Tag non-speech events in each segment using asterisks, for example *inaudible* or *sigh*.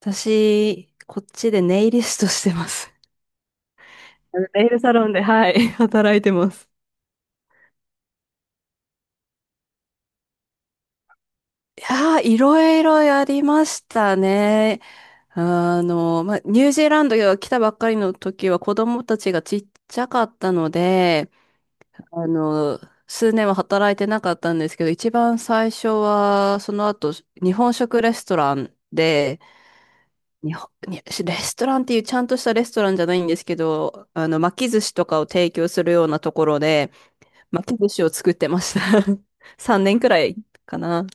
私、こっちでネイリストしてます。*laughs* ネイルサロンで、はい、*laughs* 働いてます。いやー、いろいろやりましたね。ニュージーランドが来たばっかりの時は子供たちがちっちゃかったので、あの、数年は働いてなかったんですけど、一番最初は、その後、日本食レストランで、日本、にレストランっていうちゃんとしたレストランじゃないんですけど、巻き寿司とかを提供するようなところで、巻き寿司を作ってました。*laughs* 3年くらいかな。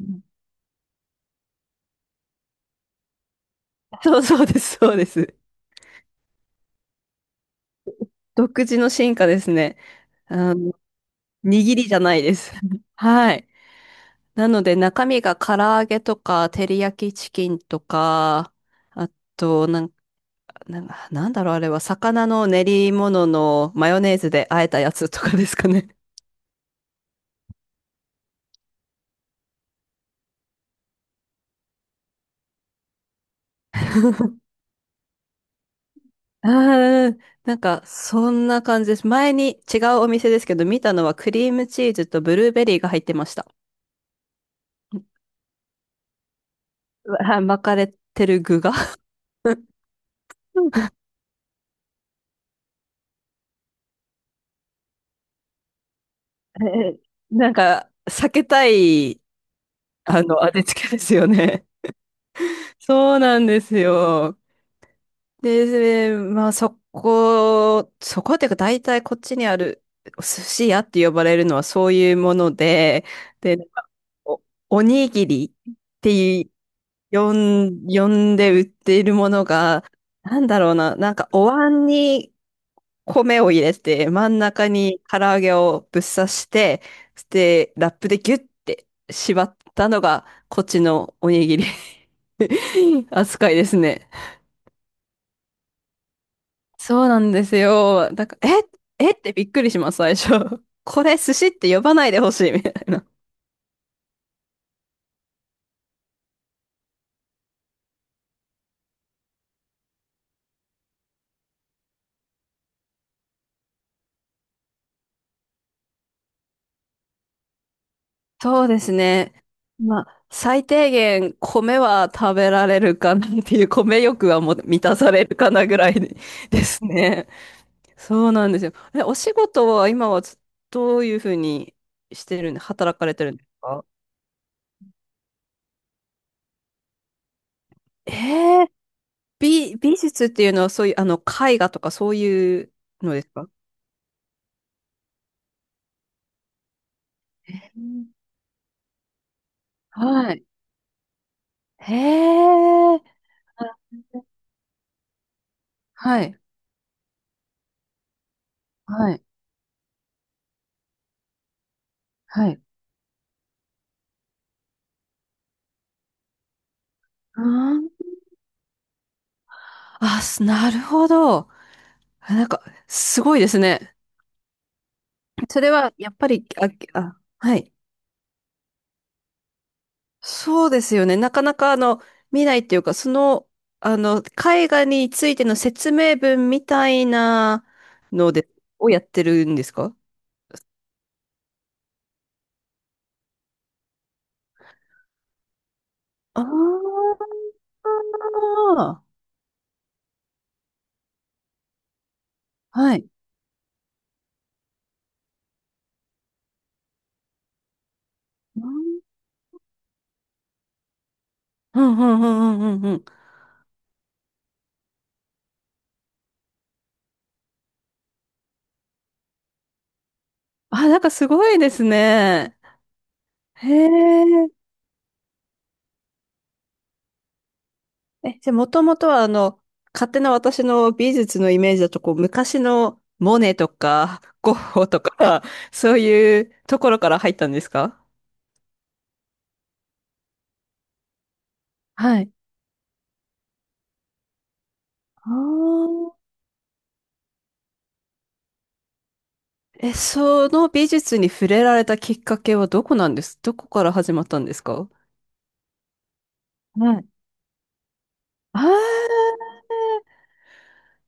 うん、そうそうです、そうです。独自の進化ですね。あの、握りじゃないです。*laughs* はい。なので中身が唐揚げとか、照り焼きチキンとか、あと、なん、なんなんだろう、あれは、魚の練り物のマヨネーズで和えたやつとかですかね。*laughs* ああ、なんか、そんな感じです。前に違うお店ですけど、見たのはクリームチーズとブルーベリーが入ってました。はい、巻かれてる具が。 *laughs* えーなんか、避けたい味付けですよね。そうなんですよ。で、まあそこ、そこっていうか大体こっちにある寿司屋って呼ばれるのはそういうもので、で、お、おにぎりっていう、呼んで売っているものが、なんだろうな、なんかお椀に米を入れて、真ん中に唐揚げをぶっ刺して、で、ラップでギュッて縛ったのがこっちのおにぎり *laughs* 扱いですね。そうなんですよ。だから、えってびっくりします、最初。*laughs* これ寿司って呼ばないでほしい、みたいな。そうですね。まあ、最低限米は食べられるかなっていう、米欲はもう満たされるかなぐらいで *laughs* ですね。そうなんですよ。お仕事は今はどういうふうにしてるんで、働かれてるんですか？えー、美術っていうのはそういう、絵画とかそういうのですか？えー、はい。へえ。あ、はい、はい、はい。あー、なるほど。あ、なんか、すごいですね。それは、やっぱり、あ、あ、はい。そうですよね。なかなか、見ないっていうか、絵画についての説明文みたいなので、をやってるんですか？あ、あー、はい。うん、うん、うん、うん、うん。うん、あ、なんかすごいですね。へえ。え、じゃあ、もともとは、勝手な私の美術のイメージだと、こう、昔のモネとか、ゴッホとか、*laughs* そういうところから入ったんですか？はい。あー、え、その美術に触れられたきっかけはどこなんです？どこから始まったんですか？はい。あー、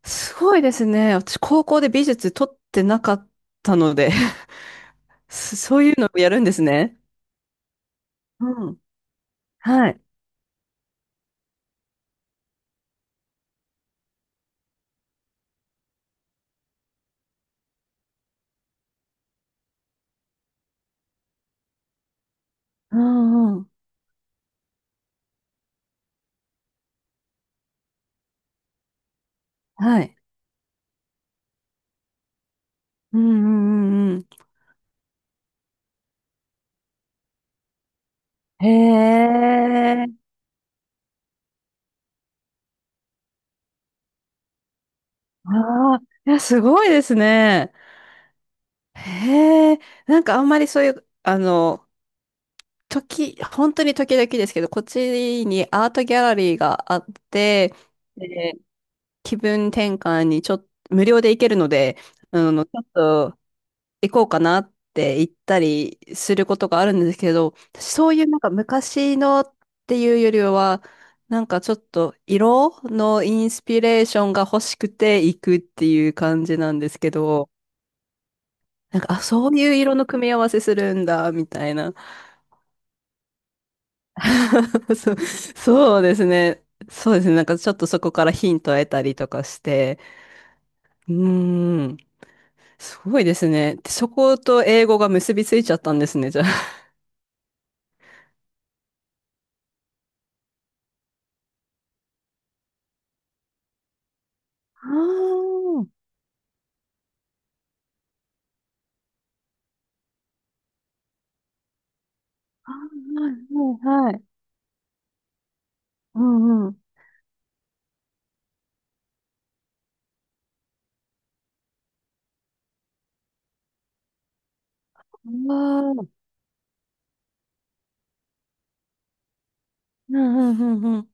すごいですね。私、高校で美術取ってなかったので、 *laughs* そういうのをやるんですね。うん。はい。うんうん。はい。うんうんうん。へえ、ああ、いや、すごいですね。へえ、なんかあんまりそういう、本当に時々ですけど、こっちにアートギャラリーがあって、で、気分転換にちょっと、無料で行けるので、ちょっと行こうかなって言ったりすることがあるんですけど、私そういう昔のっていうよりは、なんかちょっと色のインスピレーションが欲しくて行くっていう感じなんですけど、なんか、あ、そういう色の組み合わせするんだ、みたいな。*laughs* そうですね。そうですね。なんかちょっとそこからヒントを得たりとかして、うーん、すごいですね。そこと英語が結びついちゃったんですね、じゃあ。あー、ああ、はい、はい、はい。うんうん。ああ、うわー、うんうん。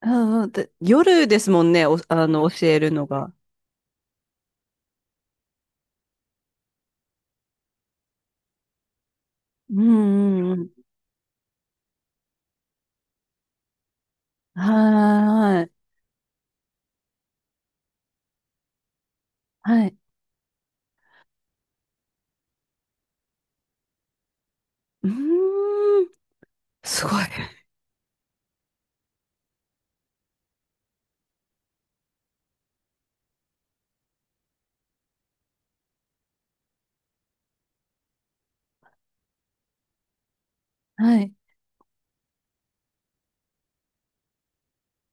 ああ、で夜ですもんね、お、教えるのが。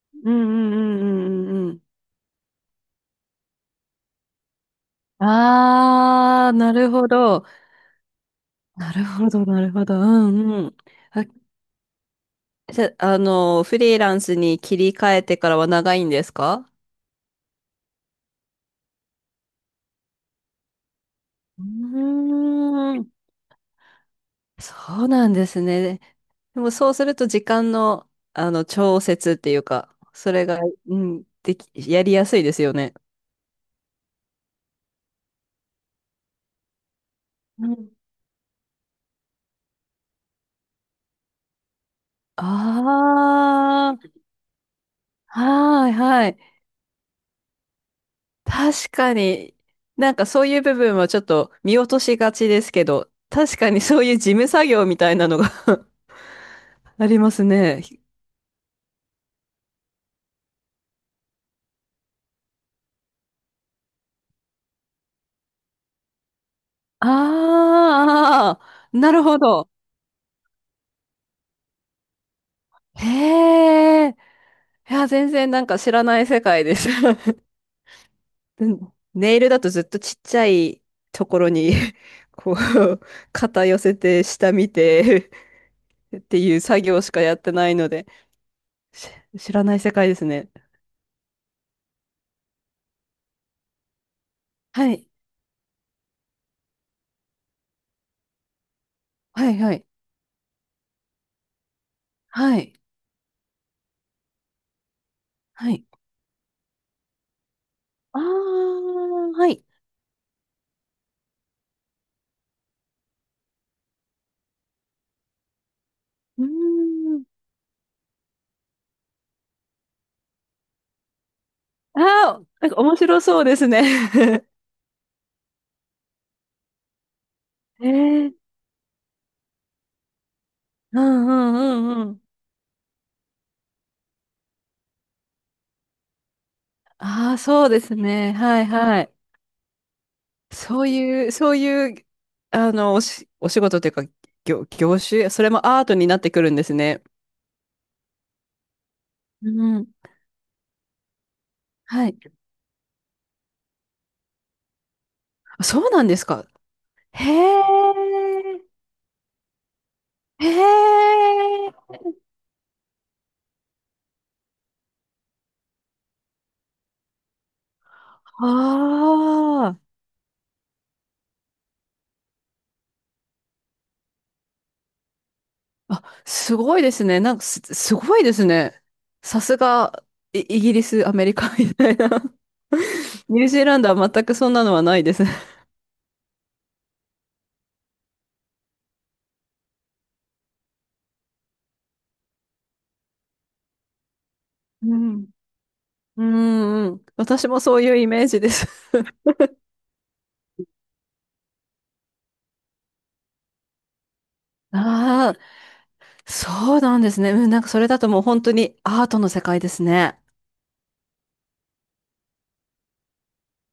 うんうんうん、はーい、はい、うーん、すごい、はい、うんうんうんうんうんうん。ああ、なるほど。なるほど、なるほど。うんうん。あ、じゃ、フリーランスに切り替えてからは長いんですか？うーん。そうなんですね。でもそうすると時間の、調節っていうか、それが、うん、やりやすいですよね。うん。ああ、はいはい。確かに、なんかそういう部分はちょっと見落としがちですけど、確かにそういう事務作業みたいなのが *laughs* ありますね。ああ、なるほど。へえ。いや、全然なんか知らない世界です。*laughs* うん、ネイルだとずっとちっちゃいところに、 *laughs* こう、肩寄せて、下見て、 *laughs* っていう作業しかやってないので、し知らない世界ですね。はい。はい、はい。はい。はい。あー、はい。うーん。あー、なんか面白そうですね。*laughs* えー、うんうんうんうん。ああ、そうですね。はい、はい。そういう、そういう、お仕事というか、業種、それもアートになってくるんですね。うん。はい。あ、そうなんですか。へえ、へえ、ああ、あ、すごいですね。すごいですね。さすが、イギリス、アメリカみたいな。*laughs* ニュージーランドは全くそんなのはないです。うん。うんうん、私もそういうイメージです。*laughs* ああ、そうなんですね。うん、なんかそれだともう本当にアートの世界ですね。